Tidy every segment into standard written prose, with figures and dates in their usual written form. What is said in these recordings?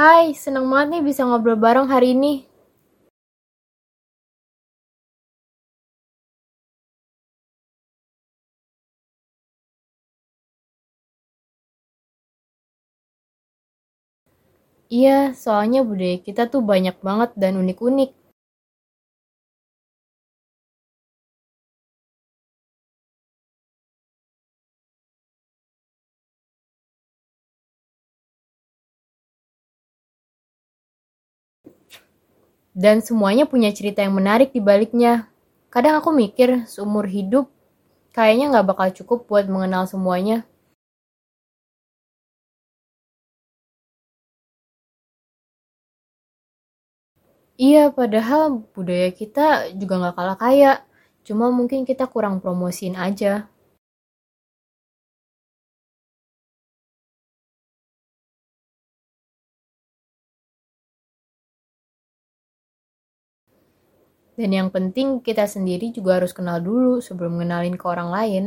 Hai, senang banget nih bisa ngobrol bareng hari ini. Iya, soalnya budaya kita tuh banyak banget dan unik-unik. Dan semuanya punya cerita yang menarik di baliknya. Kadang aku mikir, seumur hidup kayaknya nggak bakal cukup buat mengenal semuanya. Iya, padahal budaya kita juga nggak kalah kaya. Cuma mungkin kita kurang promosiin aja. Dan yang penting kita sendiri juga harus kenal dulu sebelum ngenalin ke orang lain.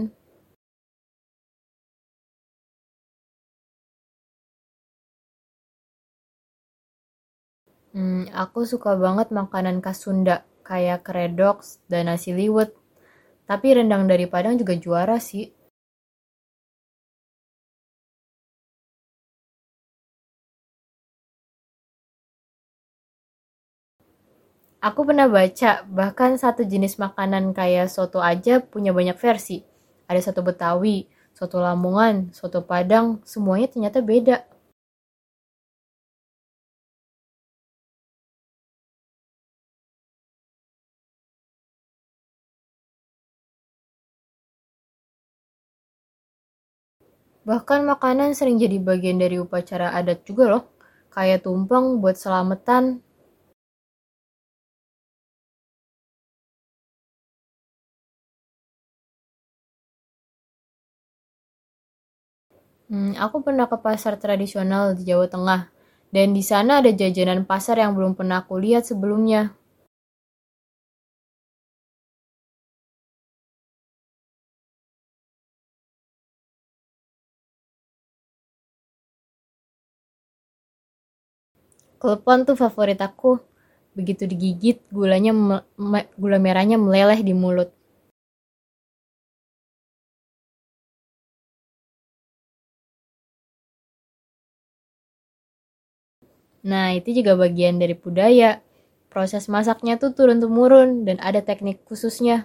Aku suka banget makanan khas Sunda, kayak kredox dan nasi liwet. Tapi rendang dari Padang juga juara sih. Aku pernah baca, bahkan satu jenis makanan kayak soto aja punya banyak versi. Ada soto Betawi, soto Lamongan, soto Padang, semuanya ternyata beda. Bahkan makanan sering jadi bagian dari upacara adat juga loh. Kayak tumpeng buat selamatan. Aku pernah ke pasar tradisional di Jawa Tengah. Dan di sana ada jajanan pasar yang belum pernah aku lihat sebelumnya. Klepon tuh favorit aku. Begitu digigit, gula merahnya meleleh di mulut. Nah, itu juga bagian dari budaya. Proses masaknya tuh turun-temurun dan ada teknik khususnya.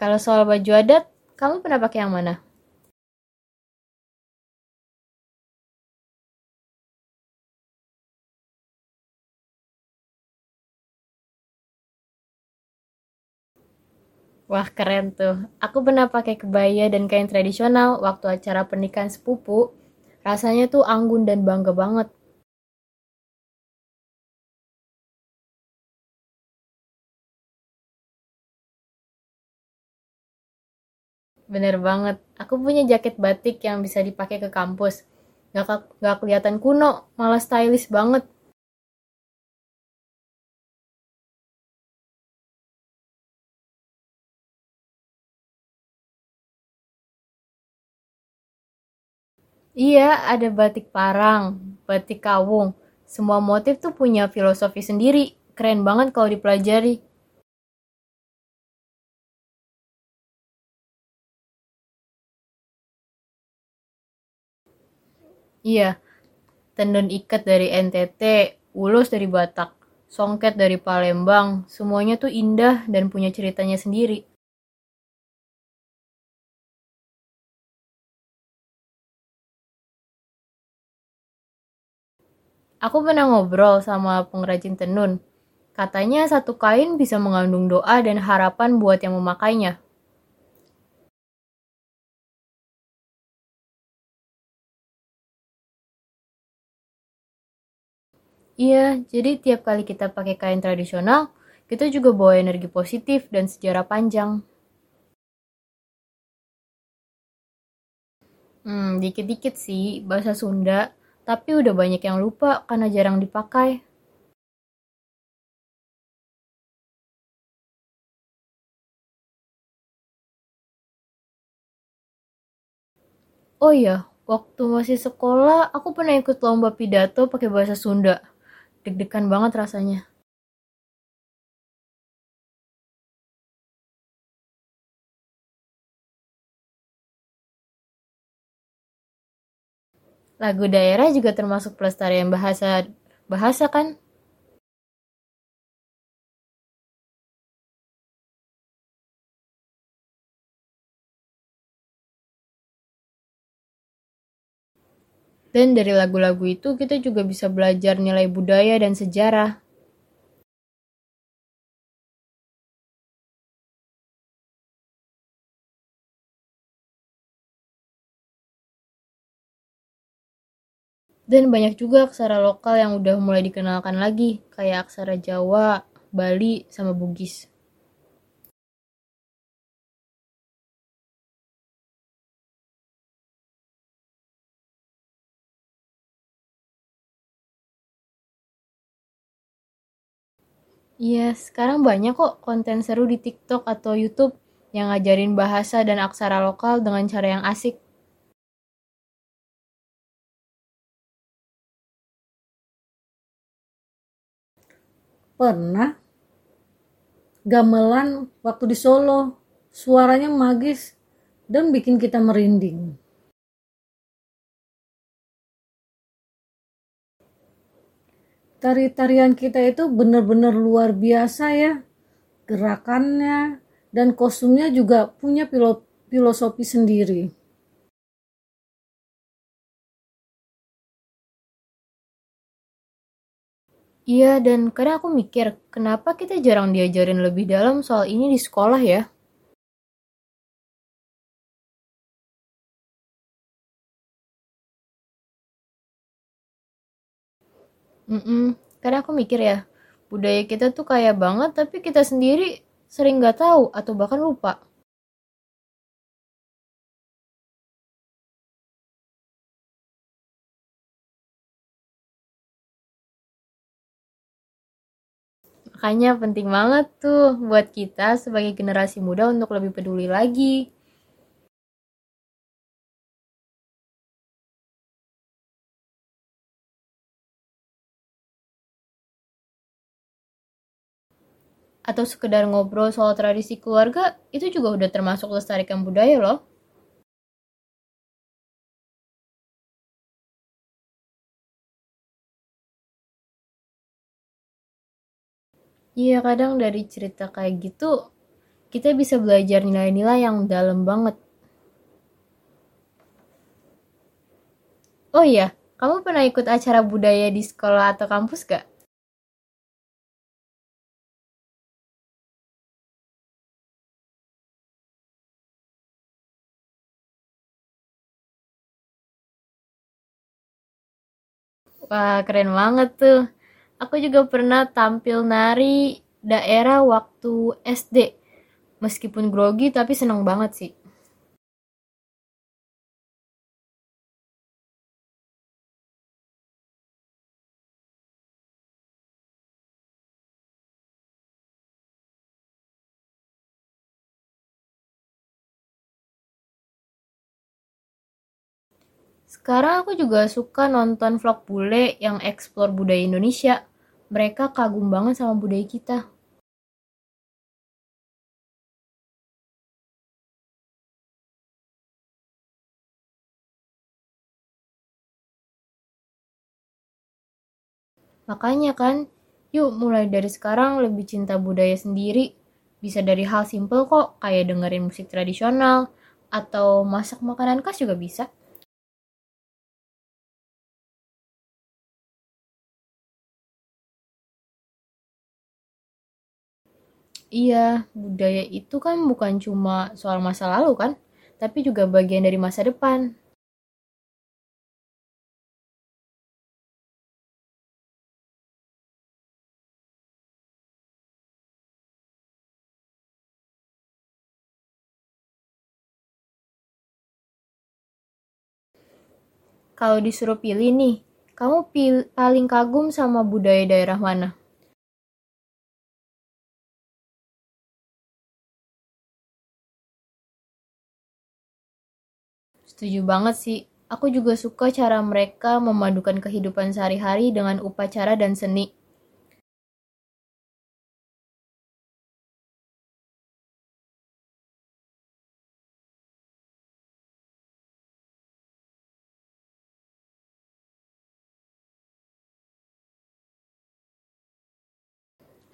Kalau soal baju adat, kamu pernah pakai yang mana? Wah, keren tuh. Aku pernah pakai kebaya dan kain tradisional waktu acara pernikahan sepupu. Rasanya tuh anggun dan bangga banget. Bener banget. Aku punya jaket batik yang bisa dipakai ke kampus. Gak kelihatan kuno, malah stylish banget. Iya, ada batik parang, batik kawung. Semua motif tuh punya filosofi sendiri. Keren banget kalau dipelajari. Iya, tenun ikat dari NTT, ulus dari Batak, songket dari Palembang. Semuanya tuh indah dan punya ceritanya sendiri. Aku pernah ngobrol sama pengrajin tenun. Katanya satu kain bisa mengandung doa dan harapan buat yang memakainya. Iya, jadi tiap kali kita pakai kain tradisional, kita juga bawa energi positif dan sejarah panjang. Dikit-dikit sih bahasa Sunda, tapi udah banyak yang lupa karena jarang dipakai. Oh iya, waktu masih sekolah aku pernah ikut lomba pidato pakai bahasa Sunda. Deg-degan banget rasanya. Lagu daerah juga termasuk pelestarian bahasa bahasa kan? Dan dari lagu-lagu itu kita juga bisa belajar nilai budaya dan sejarah. Dan banyak juga aksara lokal yang udah mulai dikenalkan lagi, kayak aksara Jawa, Bali, sama Bugis. Iya, sekarang banyak kok konten seru di TikTok atau YouTube yang ngajarin bahasa dan aksara lokal dengan cara yang asik. Pernah gamelan waktu di Solo. Suaranya magis dan bikin kita merinding. Tari-tarian kita itu benar-benar luar biasa ya. Gerakannya dan kostumnya juga punya filosofi sendiri. Iya, dan kadang aku mikir, kenapa kita jarang diajarin lebih dalam soal ini di sekolah ya? Mhm, kadang aku mikir ya, budaya kita tuh kaya banget tapi kita sendiri sering nggak tahu atau bahkan lupa. Makanya penting banget tuh buat kita sebagai generasi muda untuk lebih peduli lagi. Atau sekedar ngobrol soal tradisi keluarga, itu juga udah termasuk lestarikan budaya loh. Iya, kadang dari cerita kayak gitu, kita bisa belajar nilai-nilai yang dalam banget. Oh iya, kamu pernah ikut acara budaya di sekolah atau kampus gak? Wah, keren banget tuh. Aku juga pernah tampil nari daerah waktu SD. Meskipun grogi tapi seneng banget sih. Sekarang aku juga suka nonton vlog bule yang eksplor budaya Indonesia. Mereka kagum banget sama budaya kita. Makanya kan, yuk mulai dari sekarang lebih cinta budaya sendiri. Bisa dari hal simple kok, kayak dengerin musik tradisional, atau masak makanan khas juga bisa. Iya, budaya itu kan bukan cuma soal masa lalu kan, tapi juga bagian dari masa depan. Kalau disuruh pilih nih, kamu paling kagum sama budaya daerah mana? Setuju banget sih. Aku juga suka cara mereka memadukan kehidupan sehari-hari dengan upacara dan seni.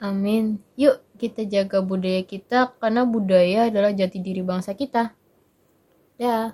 Amin. Yuk, kita jaga budaya kita karena budaya adalah jati diri bangsa kita. Dah.